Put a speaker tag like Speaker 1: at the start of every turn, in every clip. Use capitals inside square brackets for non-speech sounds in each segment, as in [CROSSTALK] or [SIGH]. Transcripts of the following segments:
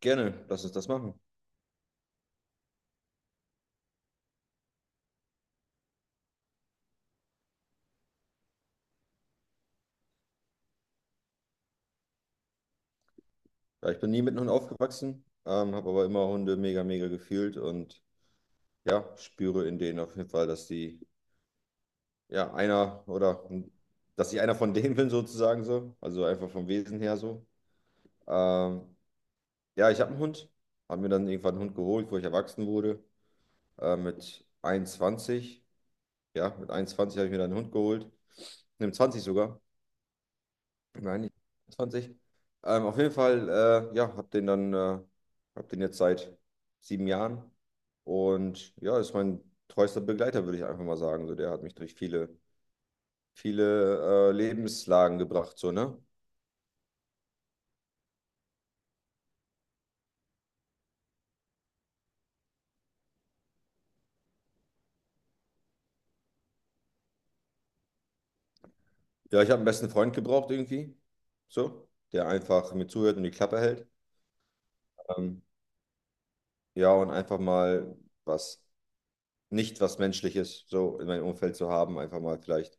Speaker 1: Gerne, lass uns das machen. Ja, ich bin nie mit Hunden aufgewachsen, habe aber immer Hunde mega, mega gefühlt und ja, spüre in denen auf jeden Fall, dass die, ja, einer oder dass ich einer von [LAUGHS] denen bin sozusagen so, also einfach vom Wesen her so. Ähm, ja, ich habe einen Hund, habe mir dann irgendwann einen Hund geholt, wo ich erwachsen wurde, mit 21, ja, mit 21 habe ich mir dann einen Hund geholt, mit 20 sogar. Nein, nicht 20. Auf jeden Fall, ja, hab den jetzt seit 7 Jahren und ja, ist mein treuester Begleiter, würde ich einfach mal sagen. So, der hat mich durch viele, viele Lebenslagen gebracht, so, ne? Ja, ich habe einen besten Freund gebraucht irgendwie, so, der einfach mir zuhört und die Klappe hält. Ähm, ja, und einfach mal was, nicht was Menschliches so in meinem Umfeld zu haben, einfach mal vielleicht,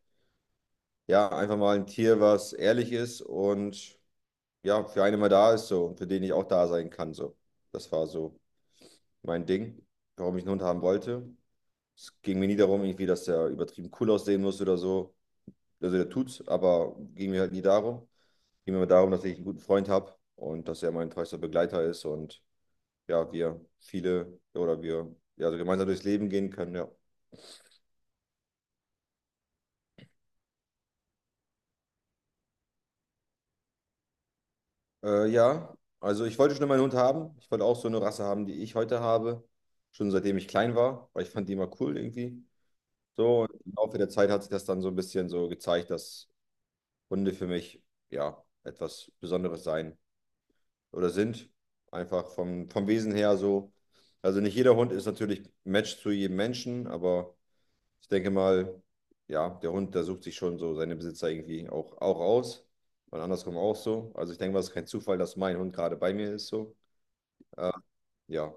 Speaker 1: ja, einfach mal ein Tier, was ehrlich ist und ja, für einen immer da ist so und für den ich auch da sein kann. So. Das war so mein Ding, warum ich einen Hund haben wollte. Es ging mir nie darum, irgendwie, dass der übertrieben cool aussehen muss oder so. Also der tut's, aber ging mir halt nie darum. Ging mir immer darum, dass ich einen guten Freund habe und dass er mein treuster Begleiter ist und ja, wir viele oder wir ja, also gemeinsam durchs Leben gehen können, ja. Ja, also ich wollte schon immer einen Hund haben. Ich wollte auch so eine Rasse haben, die ich heute habe. Schon seitdem ich klein war, weil ich fand die immer cool irgendwie. So, und im Laufe der Zeit hat sich das dann so ein bisschen so gezeigt, dass Hunde für mich ja etwas Besonderes sein oder sind. Einfach vom Wesen her so. Also nicht jeder Hund ist natürlich ein Match zu jedem Menschen, aber ich denke mal, ja, der Hund, der sucht sich schon so seine Besitzer irgendwie auch aus. Und andersrum auch so. Also ich denke mal, es ist kein Zufall, dass mein Hund gerade bei mir ist so. Äh, ja.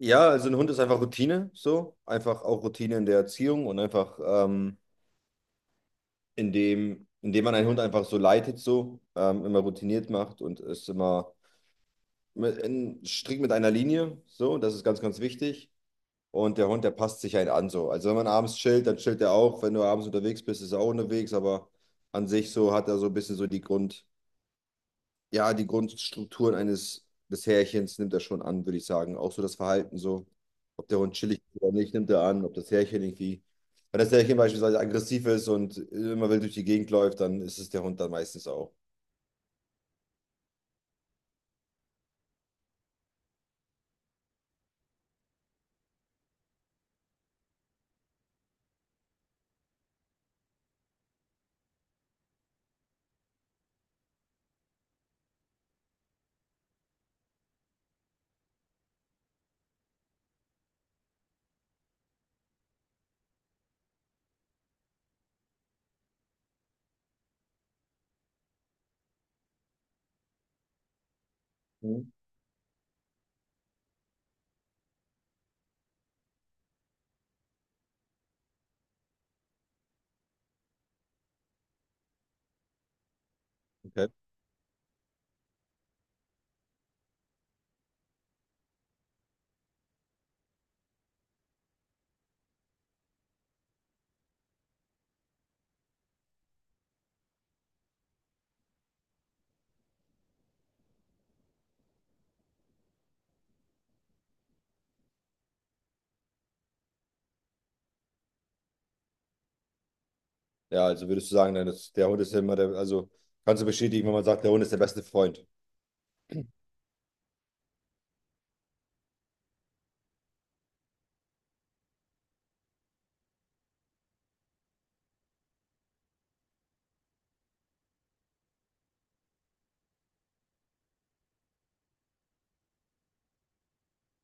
Speaker 1: Ja, also ein Hund ist einfach Routine, so. Einfach auch Routine in der Erziehung und einfach indem man einen Hund einfach so leitet, so immer routiniert macht und es immer mit, in, strikt mit einer Linie, so, das ist ganz, ganz wichtig. Und der Hund, der passt sich einen an, so. Also wenn man abends chillt, dann chillt er auch. Wenn du abends unterwegs bist, ist er auch unterwegs, aber an sich so hat er so ein bisschen so die Grund, ja, die Grundstrukturen eines des Härchens nimmt er schon an, würde ich sagen. Auch so das Verhalten so, ob der Hund chillig ist oder nicht, nimmt er an, ob das Härchen irgendwie, wenn das Härchen beispielsweise aggressiv ist und immer wild durch die Gegend läuft, dann ist es der Hund dann meistens auch. Mhm. Okay. Ja, also würdest du sagen, dann ist, der Hund ist ja immer der, also kannst du bestätigen, wenn man sagt, der Hund ist der beste Freund.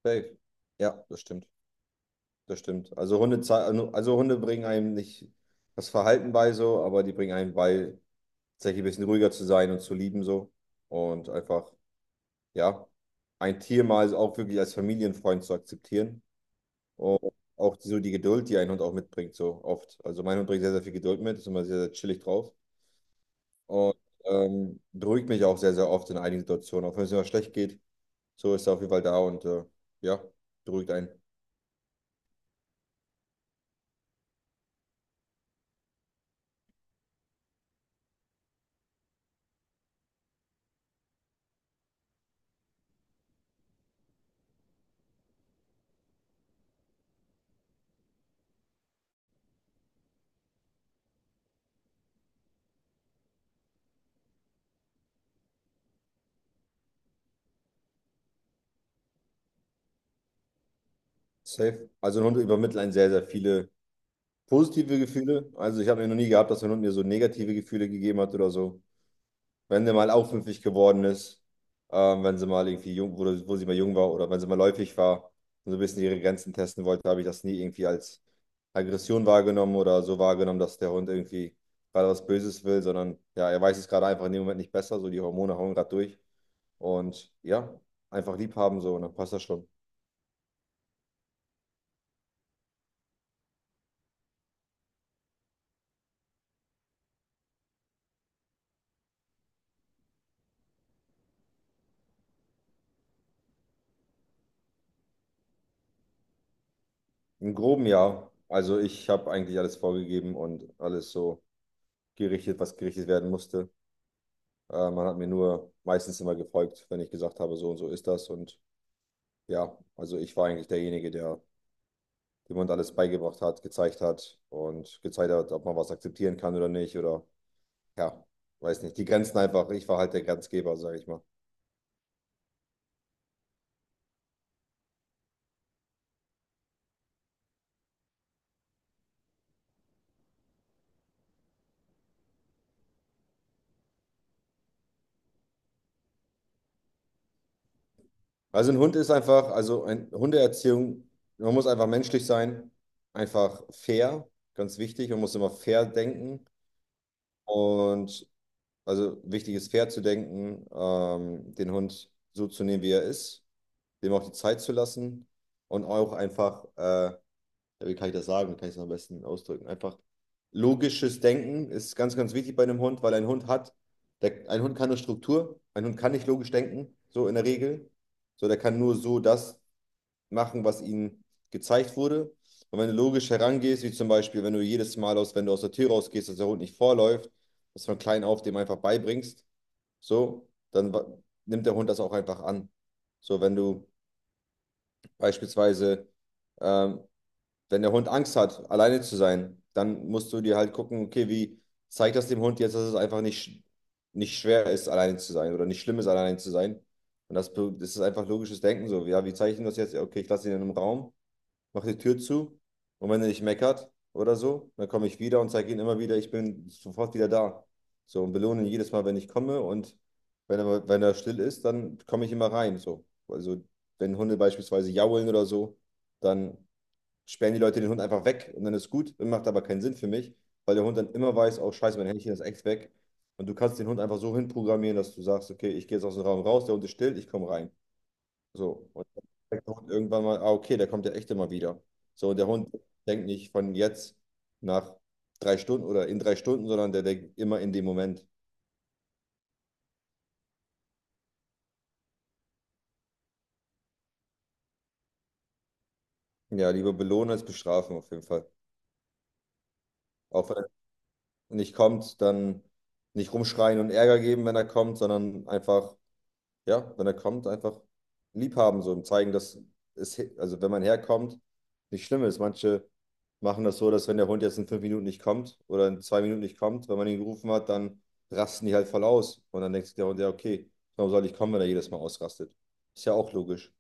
Speaker 1: Safe. Ja, das stimmt. Das stimmt. Also Hunde bringen einem nicht das Verhalten bei so, aber die bringen einem bei, tatsächlich ein bisschen ruhiger zu sein und zu lieben so. Und einfach, ja, ein Tier mal so auch wirklich als Familienfreund zu akzeptieren. Und auch so die Geduld, die ein Hund auch mitbringt, so oft. Also mein Hund bringt sehr, sehr viel Geduld mit, ist immer sehr, sehr chillig drauf. Und beruhigt mich auch sehr, sehr oft in einigen Situationen. Auch wenn es immer schlecht geht, so ist er auf jeden Fall da und ja, beruhigt einen. Safe. Also ein Hund übermittelt einen sehr, sehr viele positive Gefühle. Also ich habe noch nie gehabt, dass ein Hund mir so negative Gefühle gegeben hat oder so. Wenn sie mal aufmüpfig geworden ist, wenn sie mal irgendwie jung, wo sie mal jung war oder wenn sie mal läufig war und so ein bisschen ihre Grenzen testen wollte, habe ich das nie irgendwie als Aggression wahrgenommen oder so wahrgenommen, dass der Hund irgendwie gerade was Böses will, sondern ja, er weiß es gerade einfach in dem Moment nicht besser, so die Hormone hauen gerade durch und ja, einfach lieb haben so und dann passt das schon. Im groben ja, also ich habe eigentlich alles vorgegeben und alles so gerichtet, was gerichtet werden musste. Man hat mir nur meistens immer gefolgt, wenn ich gesagt habe, so und so ist das. Und ja, also ich war eigentlich derjenige, der dem Hund alles beigebracht hat, gezeigt hat und gezeigt hat, ob man was akzeptieren kann oder nicht. Oder ja, weiß nicht. Die Grenzen einfach. Ich war halt der Grenzgeber, sage ich mal. Also ein Hund ist einfach, also ein Hundeerziehung, man muss einfach menschlich sein, einfach fair, ganz wichtig. Man muss immer fair denken. Und also wichtig ist fair zu denken, den Hund so zu nehmen, wie er ist, dem auch die Zeit zu lassen und auch einfach, ja, wie kann ich das sagen, wie kann ich es am besten ausdrücken? Einfach logisches Denken ist ganz, ganz wichtig bei einem Hund, weil ein Hund hat, der, ein Hund kann nur Struktur, ein Hund kann nicht logisch denken, so in der Regel. So, der kann nur so das machen, was ihm gezeigt wurde. Und wenn du logisch herangehst, wie zum Beispiel, wenn du jedes Mal aus, wenn du aus der Tür rausgehst, dass der Hund nicht vorläuft, dass du von klein auf dem einfach beibringst, so, dann nimmt der Hund das auch einfach an. So, wenn du beispielsweise, ähm, wenn der Hund Angst hat, alleine zu sein, dann musst du dir halt gucken, okay, wie zeigt das dem Hund jetzt, dass es einfach nicht schwer ist, alleine zu sein oder nicht schlimm ist, alleine zu sein. Und das, das ist einfach logisches Denken so. Ja, wie zeige ich ihm das jetzt? Ja, okay, ich lasse ihn in einem Raum, mache die Tür zu und wenn er nicht meckert oder so, dann komme ich wieder und zeige ihm immer wieder, ich bin sofort wieder da. So, und belohne ihn jedes Mal, wenn ich komme und wenn er, wenn er still ist, dann komme ich immer rein. So. Also wenn Hunde beispielsweise jaulen oder so, dann sperren die Leute den Hund einfach weg und dann ist gut, macht aber keinen Sinn für mich, weil der Hund dann immer weiß, oh scheiße, mein Händchen ist echt weg. Und du kannst den Hund einfach so hinprogrammieren, dass du sagst, okay, ich gehe jetzt aus dem Raum raus, der Hund ist still, ich komme rein. So, und dann merkt der Hund irgendwann mal, ah, okay, der kommt ja echt immer wieder. So, und der Hund denkt nicht von jetzt nach 3 Stunden oder in 3 Stunden, sondern der denkt immer in dem Moment. Ja, lieber belohnen als bestrafen auf jeden Fall. Auch wenn er nicht kommt, dann nicht rumschreien und Ärger geben, wenn er kommt, sondern einfach ja, wenn er kommt, einfach lieb haben, so und zeigen, dass es, also wenn man herkommt, nicht schlimm ist. Manche machen das so, dass wenn der Hund jetzt in 5 Minuten nicht kommt oder in 2 Minuten nicht kommt, wenn man ihn gerufen hat, dann rasten die halt voll aus. Und dann denkt sich der Hund, ja, okay, warum soll ich kommen, wenn er jedes Mal ausrastet? Ist ja auch logisch.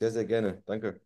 Speaker 1: Sehr, sehr gerne. Danke.